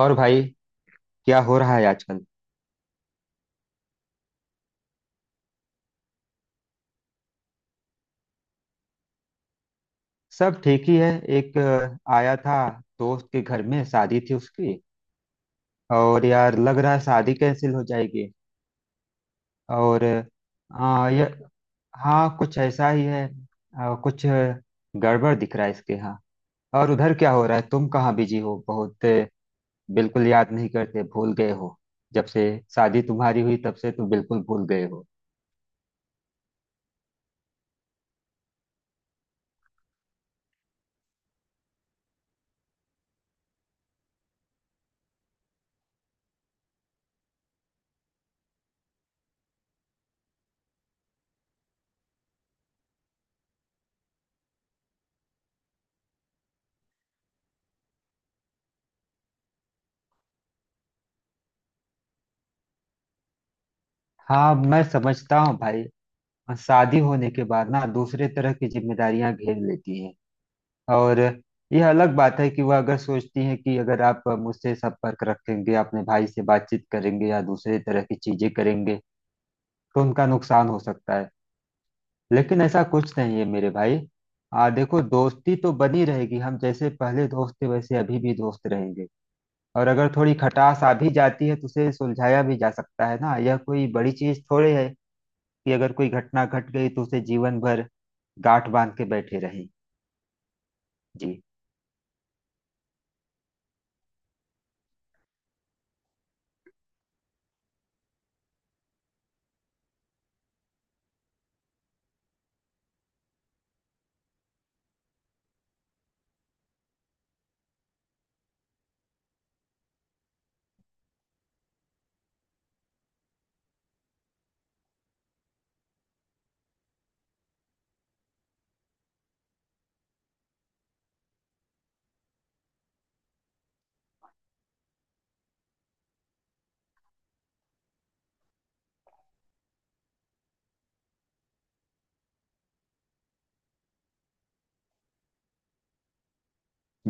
और भाई, क्या हो रहा है आजकल। सब ठीक ही है। एक आया था। दोस्त के घर में शादी थी उसकी। और यार, लग रहा है शादी कैंसिल हो जाएगी। और ये हाँ, कुछ ऐसा ही है। गड़बड़ दिख रहा है इसके यहाँ। और उधर क्या हो रहा है, तुम कहाँ बिजी हो बहुत। बिल्कुल याद नहीं करते, भूल गए हो। जब से शादी तुम्हारी हुई, तब से तुम बिल्कुल भूल गए हो। हाँ, मैं समझता हूँ भाई। और शादी होने के बाद ना दूसरे तरह की जिम्मेदारियां घेर लेती हैं। और यह अलग बात है कि वह अगर सोचती हैं कि अगर आप मुझसे संपर्क रखेंगे, अपने भाई से बातचीत करेंगे या दूसरे तरह की चीजें करेंगे तो उनका नुकसान हो सकता है। लेकिन ऐसा कुछ नहीं है मेरे भाई। आ देखो, दोस्ती तो बनी रहेगी। हम जैसे पहले दोस्त थे वैसे अभी भी दोस्त रहेंगे। और अगर थोड़ी खटास आ भी जाती है तो उसे सुलझाया भी जा सकता है ना। यह कोई बड़ी चीज थोड़ी है कि अगर कोई घटना घट गई तो उसे जीवन भर गांठ बांध के बैठे रहें। जी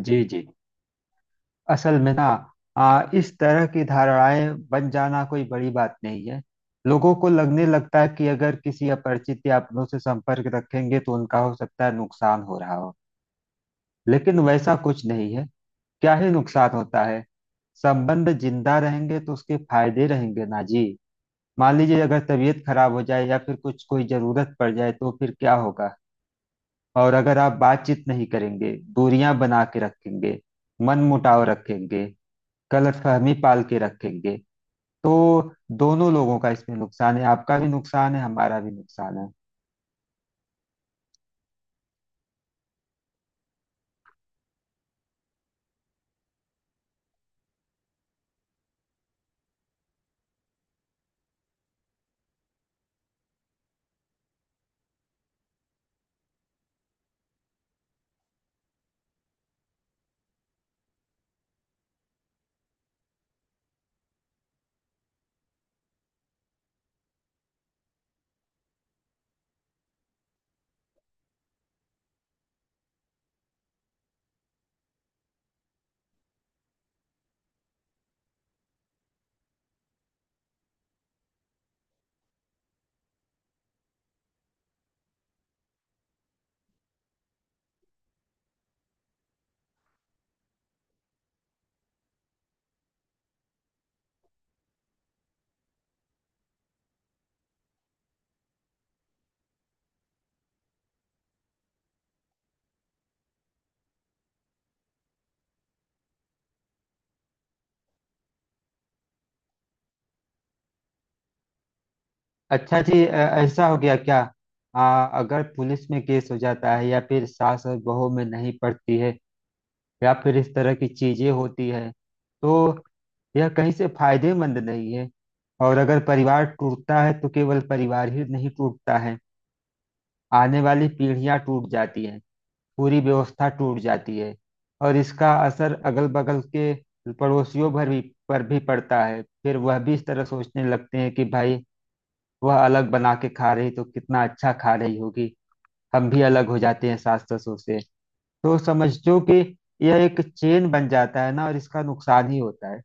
जी जी, असल में ना इस तरह की धारणाएं बन जाना कोई बड़ी बात नहीं है। लोगों को लगने लगता है कि अगर किसी अपरिचित या अपनों से संपर्क रखेंगे तो उनका हो सकता है नुकसान हो रहा हो। लेकिन वैसा कुछ नहीं है। क्या ही नुकसान होता है। संबंध जिंदा रहेंगे तो उसके फायदे रहेंगे ना जी। मान लीजिए अगर तबीयत खराब हो जाए या फिर कुछ कोई जरूरत पड़ जाए तो फिर क्या होगा। और अगर आप बातचीत नहीं करेंगे, दूरियां बना के रखेंगे, मन मुटाव रखेंगे, गलतफहमी पाल के रखेंगे तो दोनों लोगों का इसमें नुकसान है। आपका भी नुकसान है, हमारा भी नुकसान है। अच्छा जी, ऐसा हो गया क्या। अगर पुलिस में केस हो जाता है या फिर सास और बहू में नहीं पड़ती है या फिर इस तरह की चीजें होती है तो यह कहीं से फायदेमंद नहीं है। और अगर परिवार टूटता है तो केवल परिवार ही नहीं टूटता है, आने वाली पीढ़ियां टूट जाती हैं, पूरी व्यवस्था टूट जाती है। और इसका असर अगल बगल के पड़ोसियों भर भी, पर भी पड़ता है। फिर वह भी इस तरह सोचने लगते हैं कि भाई, वह अलग बना के खा रही तो कितना अच्छा खा रही होगी, हम भी अलग हो जाते हैं सास ससुर से। तो समझो कि यह एक चेन बन जाता है ना, और इसका नुकसान ही होता है।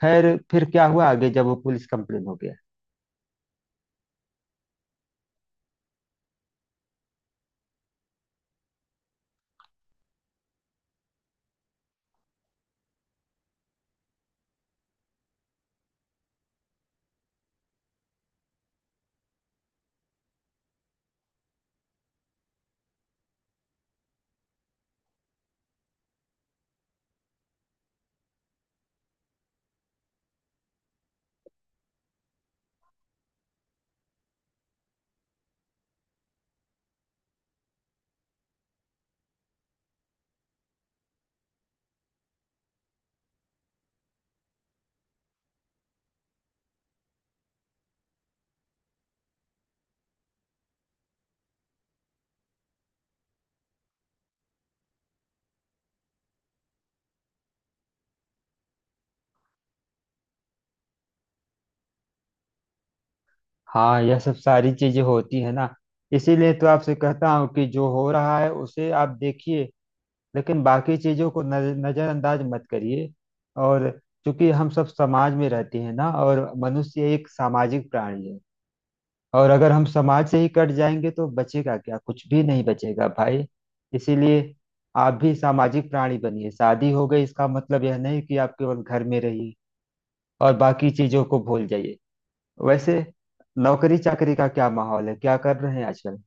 खैर, फिर क्या हुआ आगे जब वो पुलिस कंप्लेन हो गया। हाँ, यह सब सारी चीजें होती है ना। इसीलिए तो आपसे कहता हूँ कि जो हो रहा है उसे आप देखिए, लेकिन बाकी चीजों को नजरअंदाज मत करिए। और क्योंकि हम सब समाज में रहते हैं ना, और मनुष्य एक सामाजिक प्राणी है। और अगर हम समाज से ही कट जाएंगे तो बचेगा क्या, कुछ भी नहीं बचेगा भाई। इसीलिए आप भी सामाजिक प्राणी बनिए। शादी हो गई इसका मतलब यह नहीं कि आप केवल घर में रहिए और बाकी चीजों को भूल जाइए। वैसे नौकरी चाकरी का क्या माहौल है, क्या कर रहे हैं आजकल।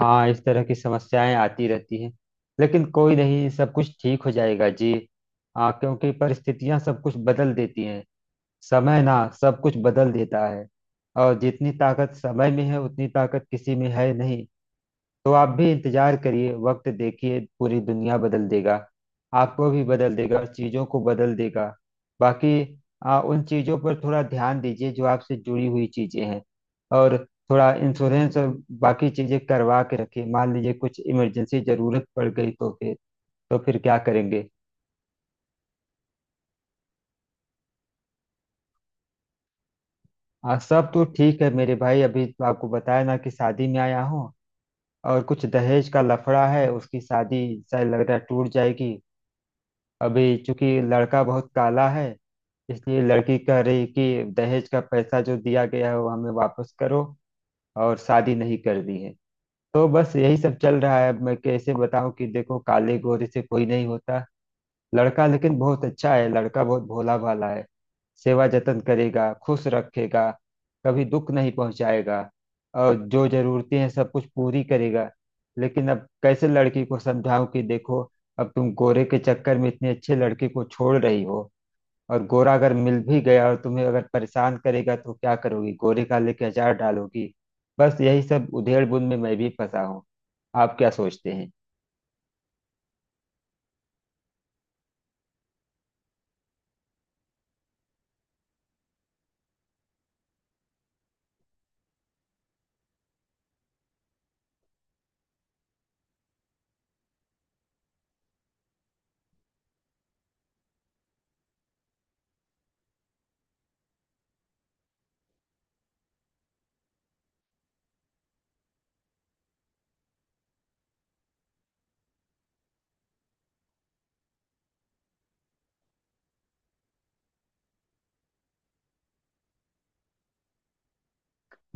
हाँ, इस तरह की समस्याएं आती रहती हैं। लेकिन कोई नहीं, सब कुछ ठीक हो जाएगा जी। हाँ, क्योंकि परिस्थितियां सब कुछ बदल देती हैं। समय ना सब कुछ बदल देता है। और जितनी ताकत समय में है उतनी ताकत किसी में है नहीं। तो आप भी इंतजार करिए, वक्त देखिए, पूरी दुनिया बदल देगा। आपको भी बदल देगा और चीजों को बदल देगा। बाकी उन चीजों पर थोड़ा ध्यान दीजिए जो आपसे जुड़ी हुई चीजें हैं। और थोड़ा इंश्योरेंस और बाकी चीजें करवा के रखिए। मान लीजिए कुछ इमरजेंसी जरूरत पड़ गई तो फिर, तो फिर क्या करेंगे। सब तो ठीक है मेरे भाई। अभी तो आपको बताया ना कि शादी में आया हूँ। और कुछ दहेज का लफड़ा है, उसकी शादी शायद लग रहा है टूट जाएगी। अभी चूंकि लड़का बहुत काला है, इसलिए लड़की कह रही कि दहेज का पैसा जो दिया गया है वो हमें वापस करो, और शादी नहीं कर दी है। तो बस यही सब चल रहा है। अब मैं कैसे बताऊं कि देखो, काले गोरे से कोई नहीं होता। लड़का लेकिन बहुत अच्छा है, लड़का बहुत भोला भाला है। सेवा जतन करेगा, खुश रखेगा, कभी दुख नहीं पहुंचाएगा, और जो जरूरतें हैं सब कुछ पूरी करेगा। लेकिन अब कैसे लड़की को समझाऊं कि देखो, अब तुम गोरे के चक्कर में इतनी अच्छी लड़की को छोड़ रही हो। और गोरा अगर मिल भी गया और तुम्हें अगर परेशान करेगा तो क्या करोगी, गोरे का लेके अचार डालोगी। बस यही सब उधेड़बुन में मैं भी फंसा हूँ। आप क्या सोचते हैं।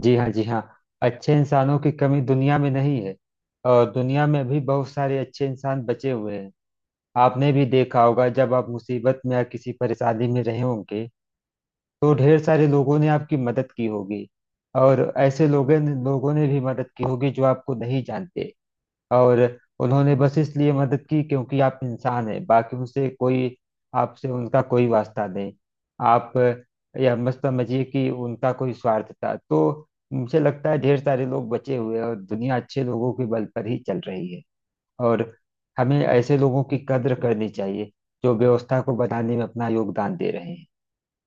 जी हाँ, जी हाँ। अच्छे इंसानों की कमी दुनिया में नहीं है। और दुनिया में भी बहुत सारे अच्छे इंसान बचे हुए हैं। आपने भी देखा होगा, जब आप मुसीबत में या किसी परेशानी में रहे होंगे तो ढेर सारे लोगों ने आपकी मदद की होगी। और ऐसे लोगों ने भी मदद की होगी जो आपको नहीं जानते। और उन्होंने बस इसलिए मदद की क्योंकि आप इंसान हैं, बाकी उनसे कोई, आपसे उनका कोई वास्ता नहीं। आप यह मत समझिए कि उनका कोई स्वार्थ था। तो मुझे लगता है ढेर सारे लोग बचे हुए हैं और दुनिया अच्छे लोगों के बल पर ही चल रही है। और हमें ऐसे लोगों की कद्र करनी चाहिए जो व्यवस्था को बनाने में अपना योगदान दे रहे हैं।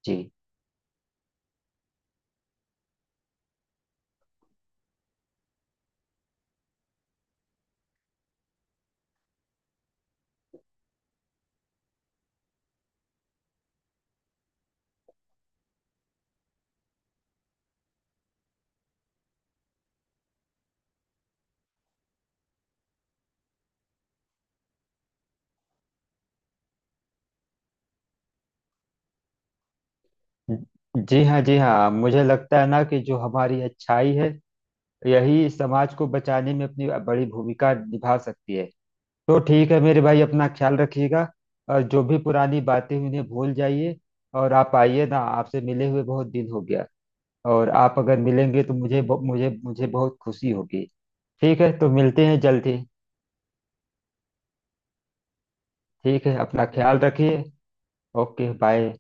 जी। जी हाँ, जी हाँ, मुझे लगता है ना कि जो हमारी अच्छाई है, यही समाज को बचाने में अपनी बड़ी भूमिका निभा सकती है। तो ठीक है मेरे भाई, अपना ख्याल रखिएगा। और जो भी पुरानी बातें हैं, उन्हें भूल जाइए। और आप आइए ना, आपसे मिले हुए बहुत दिन हो गया। और आप अगर मिलेंगे तो मुझे ब- मुझे मुझे बहुत खुशी होगी। ठीक है, तो मिलते हैं जल्द ही। ठीक है, अपना ख्याल रखिए। Okay bye.